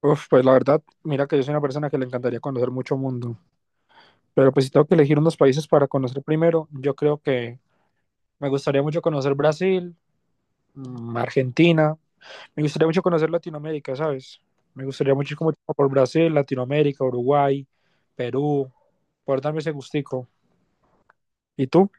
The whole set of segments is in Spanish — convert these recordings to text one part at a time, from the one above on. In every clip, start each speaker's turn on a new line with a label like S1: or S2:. S1: Uf, pues la verdad, mira que yo soy una persona que le encantaría conocer mucho mundo, pero pues si tengo que elegir unos países para conocer primero, yo creo que me gustaría mucho conocer Brasil, Argentina, me gustaría mucho conocer Latinoamérica, ¿sabes? Me gustaría mucho como por Brasil, Latinoamérica, Uruguay, Perú, por darme ese gustico. ¿Y tú?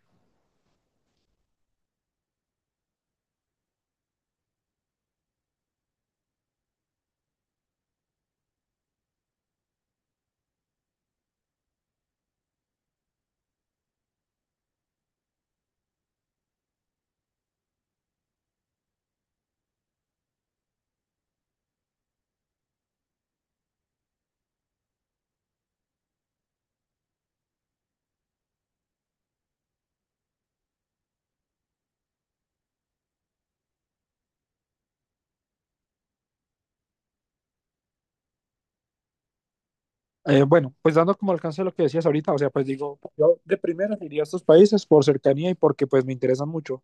S1: Bueno, pues dando como alcance a lo que decías ahorita, o sea, pues digo, yo de primera iría a estos países por cercanía y porque pues me interesan mucho,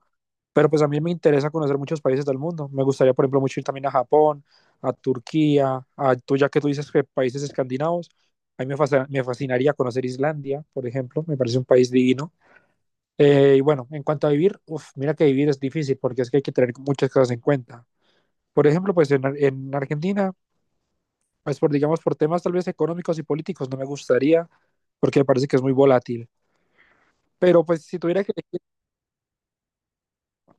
S1: pero pues a mí me interesa conocer muchos países del mundo. Me gustaría, por ejemplo, mucho ir también a Japón, a Turquía, a tú ya que tú dices que países escandinavos, a mí me, me fascinaría conocer Islandia, por ejemplo, me parece un país divino. Y bueno, en cuanto a vivir, uf, mira que vivir es difícil porque es que hay que tener muchas cosas en cuenta. Por ejemplo, pues en, en Argentina pues por, digamos, por temas tal vez económicos y políticos no me gustaría, porque me parece que es muy volátil. Pero pues si tuviera que,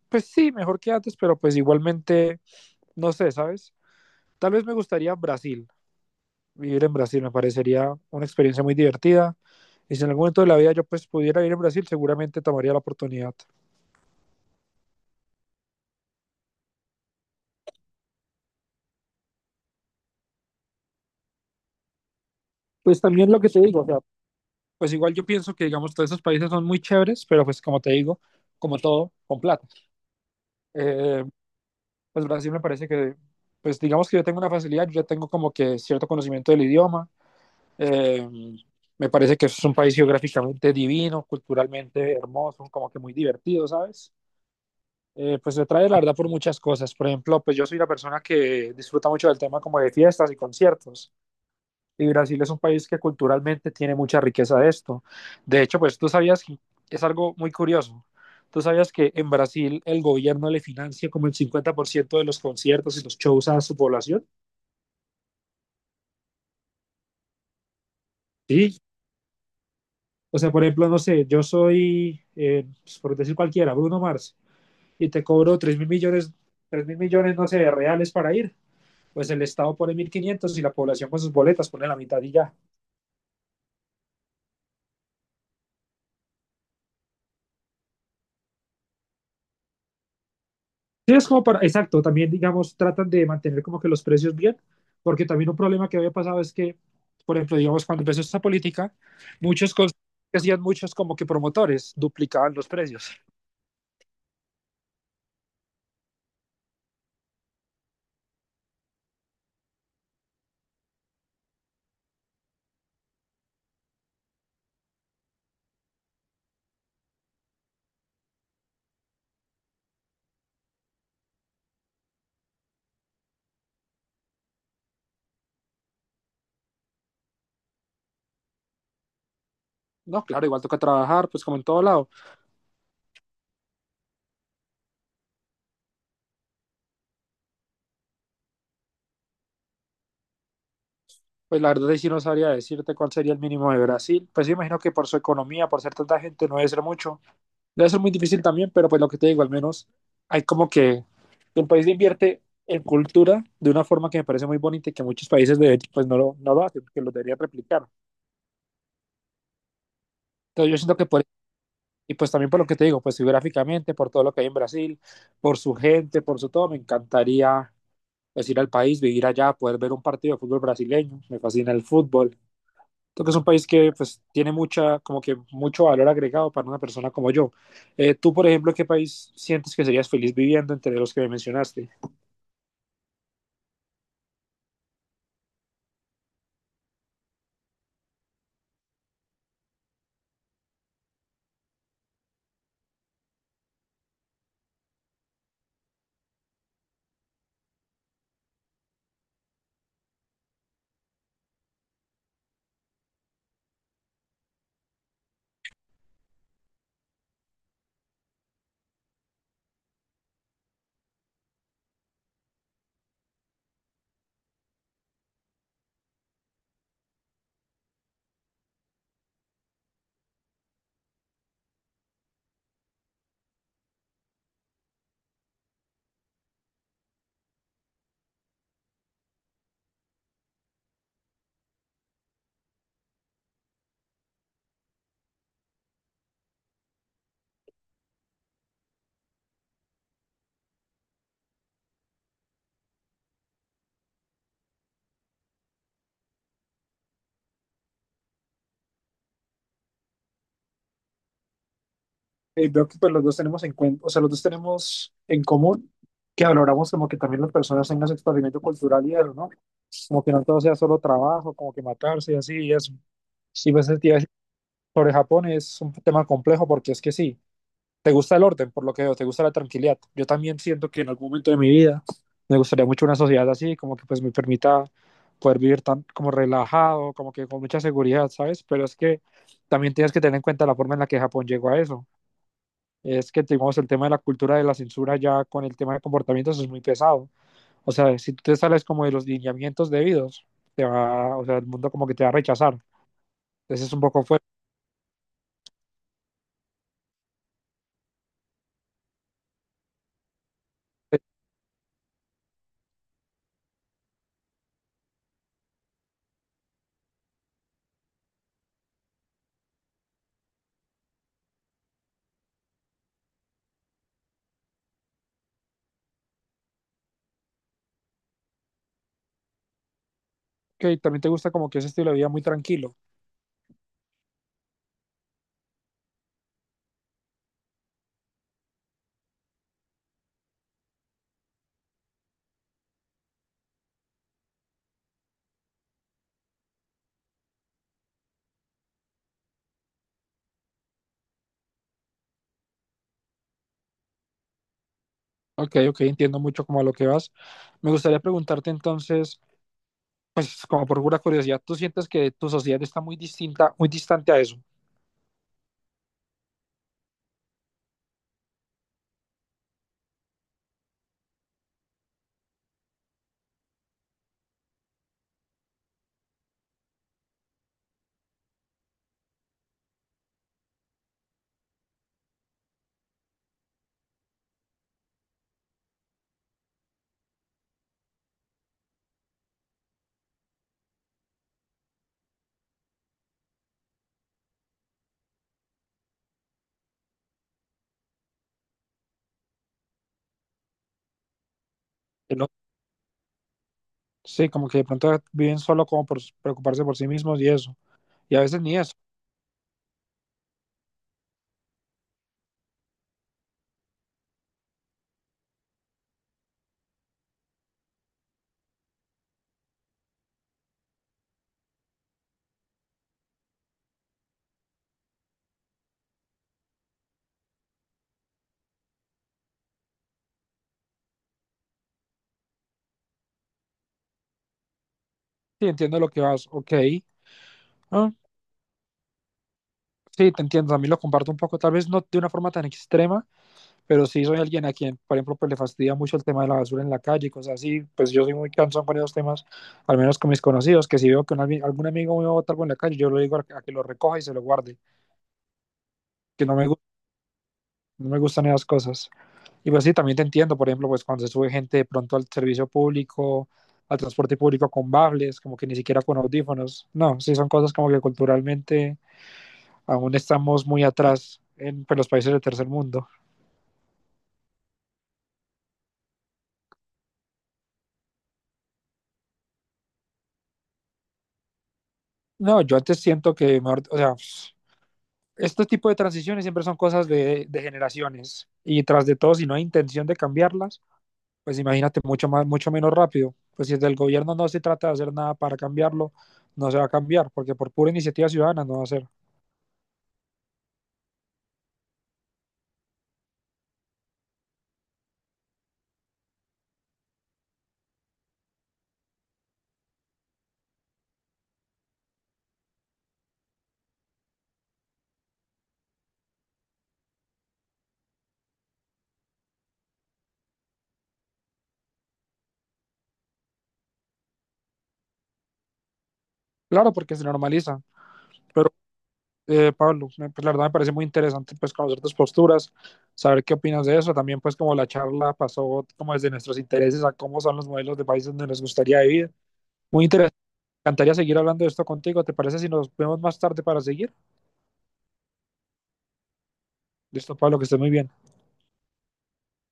S1: pues sí, mejor que antes, pero pues igualmente, no sé, ¿sabes? Tal vez me gustaría Brasil, vivir en Brasil, me parecería una experiencia muy divertida. Y si en algún momento de la vida yo pues pudiera ir a Brasil, seguramente tomaría la oportunidad. Pues también lo que te digo, o sea, pues igual yo pienso que, digamos, todos esos países son muy chéveres, pero pues como te digo, como todo, con plata. Eh, pues Brasil me parece que, pues digamos que yo tengo una facilidad, yo ya tengo como que cierto conocimiento del idioma. Eh, Me parece que es un país geográficamente divino, culturalmente hermoso, como que muy divertido, ¿sabes? Pues me trae la verdad por muchas cosas. Por ejemplo, pues yo soy una persona que disfruta mucho del tema como de fiestas y conciertos. Y Brasil es un país que culturalmente tiene mucha riqueza de esto. De hecho, pues tú sabías que es algo muy curioso. Tú sabías que en Brasil el gobierno le financia como el 50% de los conciertos y los shows a su población. Sí. O sea, por ejemplo, no sé, yo soy, pues, por decir cualquiera, Bruno Mars, y te cobro 3.000.000.000, no sé, de reales para ir. Pues el Estado pone 1.500 y la población con sus boletas pone la mitad y ya. Sí, es como para, exacto, también digamos, tratan de mantener como que los precios bien, porque también un problema que había pasado es que, por ejemplo, digamos, cuando empezó esta política, muchos cons- hacían muchos como que promotores duplicaban los precios. No, claro, igual toca trabajar, pues como en todo lado. Pues la verdad es que no sabría decirte cuál sería el mínimo de Brasil. Pues yo imagino que por su economía, por ser tanta gente, no debe ser mucho, debe ser muy difícil también, pero pues lo que te digo, al menos hay como que el país invierte en cultura de una forma que me parece muy bonita y que muchos países de hecho pues no lo hacen, porque lo deberían replicar. Entonces yo siento que por, y pues también por lo que te digo, pues geográficamente, por todo lo que hay en Brasil, por su gente, por su todo, me encantaría pues ir al país, vivir allá, poder ver un partido de fútbol brasileño, me fascina el fútbol, creo que es un país que pues tiene mucha, como que mucho valor agregado para una persona como yo. Tú, por ejemplo, ¿qué país sientes que serías feliz viviendo entre los que me mencionaste? Veo que pues los dos tenemos en o sea, los dos tenemos en común que valoramos como que también las personas tengan su experimento cultural y eso, ¿no? Como que no todo sea solo trabajo, como que matarse y así y eso. Y pues el sobre Japón es un tema complejo porque es que sí. Te gusta el orden, por lo que veo, te gusta la tranquilidad. Yo también siento que en algún momento de mi vida me gustaría mucho una sociedad así, como que pues me permita poder vivir tan como relajado, como que con mucha seguridad, ¿sabes? Pero es que también tienes que tener en cuenta la forma en la que Japón llegó a eso. Es que tenemos el tema de la cultura de la censura ya con el tema de comportamientos es muy pesado. O sea, si tú te sales como de los lineamientos debidos, te va, o sea, el mundo como que te va a rechazar. Entonces es un poco fuerte. Ok, también te gusta como que ese estilo de vida muy tranquilo. Ok, ok, entiendo mucho como a lo que vas. Me gustaría preguntarte entonces, pues como por pura curiosidad, ¿tú sientes que tu sociedad está muy distinta, muy distante a eso? Que no, sí, como que de pronto viven solo como por preocuparse por sí mismos y eso. Y a veces ni eso. Sí, entiendo lo que vas. Ok. Ah, sí, te entiendo. También lo comparto un poco, tal vez no de una forma tan extrema, pero sí soy alguien a quien, por ejemplo, pues le fastidia mucho el tema de la basura en la calle y cosas así, pues yo soy muy cansón con esos temas, al menos con mis conocidos, que si veo que un algún amigo me va a botar algo en la calle, yo lo digo a que lo recoja y se lo guarde, que no me, no me gustan esas cosas. Y pues sí, también te entiendo, por ejemplo, pues cuando se sube gente de pronto al servicio público, al transporte público con bables, como que ni siquiera con audífonos, no, sí son cosas como que culturalmente aún estamos muy atrás en pues, los países del tercer mundo. No, yo antes siento que, mejor, o sea, este tipo de transiciones siempre son cosas generaciones y tras de todo, si no hay intención de cambiarlas, pues imagínate mucho, más, mucho menos rápido. Pues si desde el gobierno no se trata de hacer nada para cambiarlo, no se va a cambiar, porque por pura iniciativa ciudadana no va a ser. Claro, porque se normaliza. Pero, Pablo, me, pues la verdad me parece muy interesante pues conocer tus posturas, saber qué opinas de eso. También pues como la charla pasó como desde nuestros intereses a cómo son los modelos de países donde nos gustaría vivir. Muy interesante. Me encantaría seguir hablando de esto contigo. ¿Te parece si nos vemos más tarde para seguir? Listo, Pablo, que estés muy bien.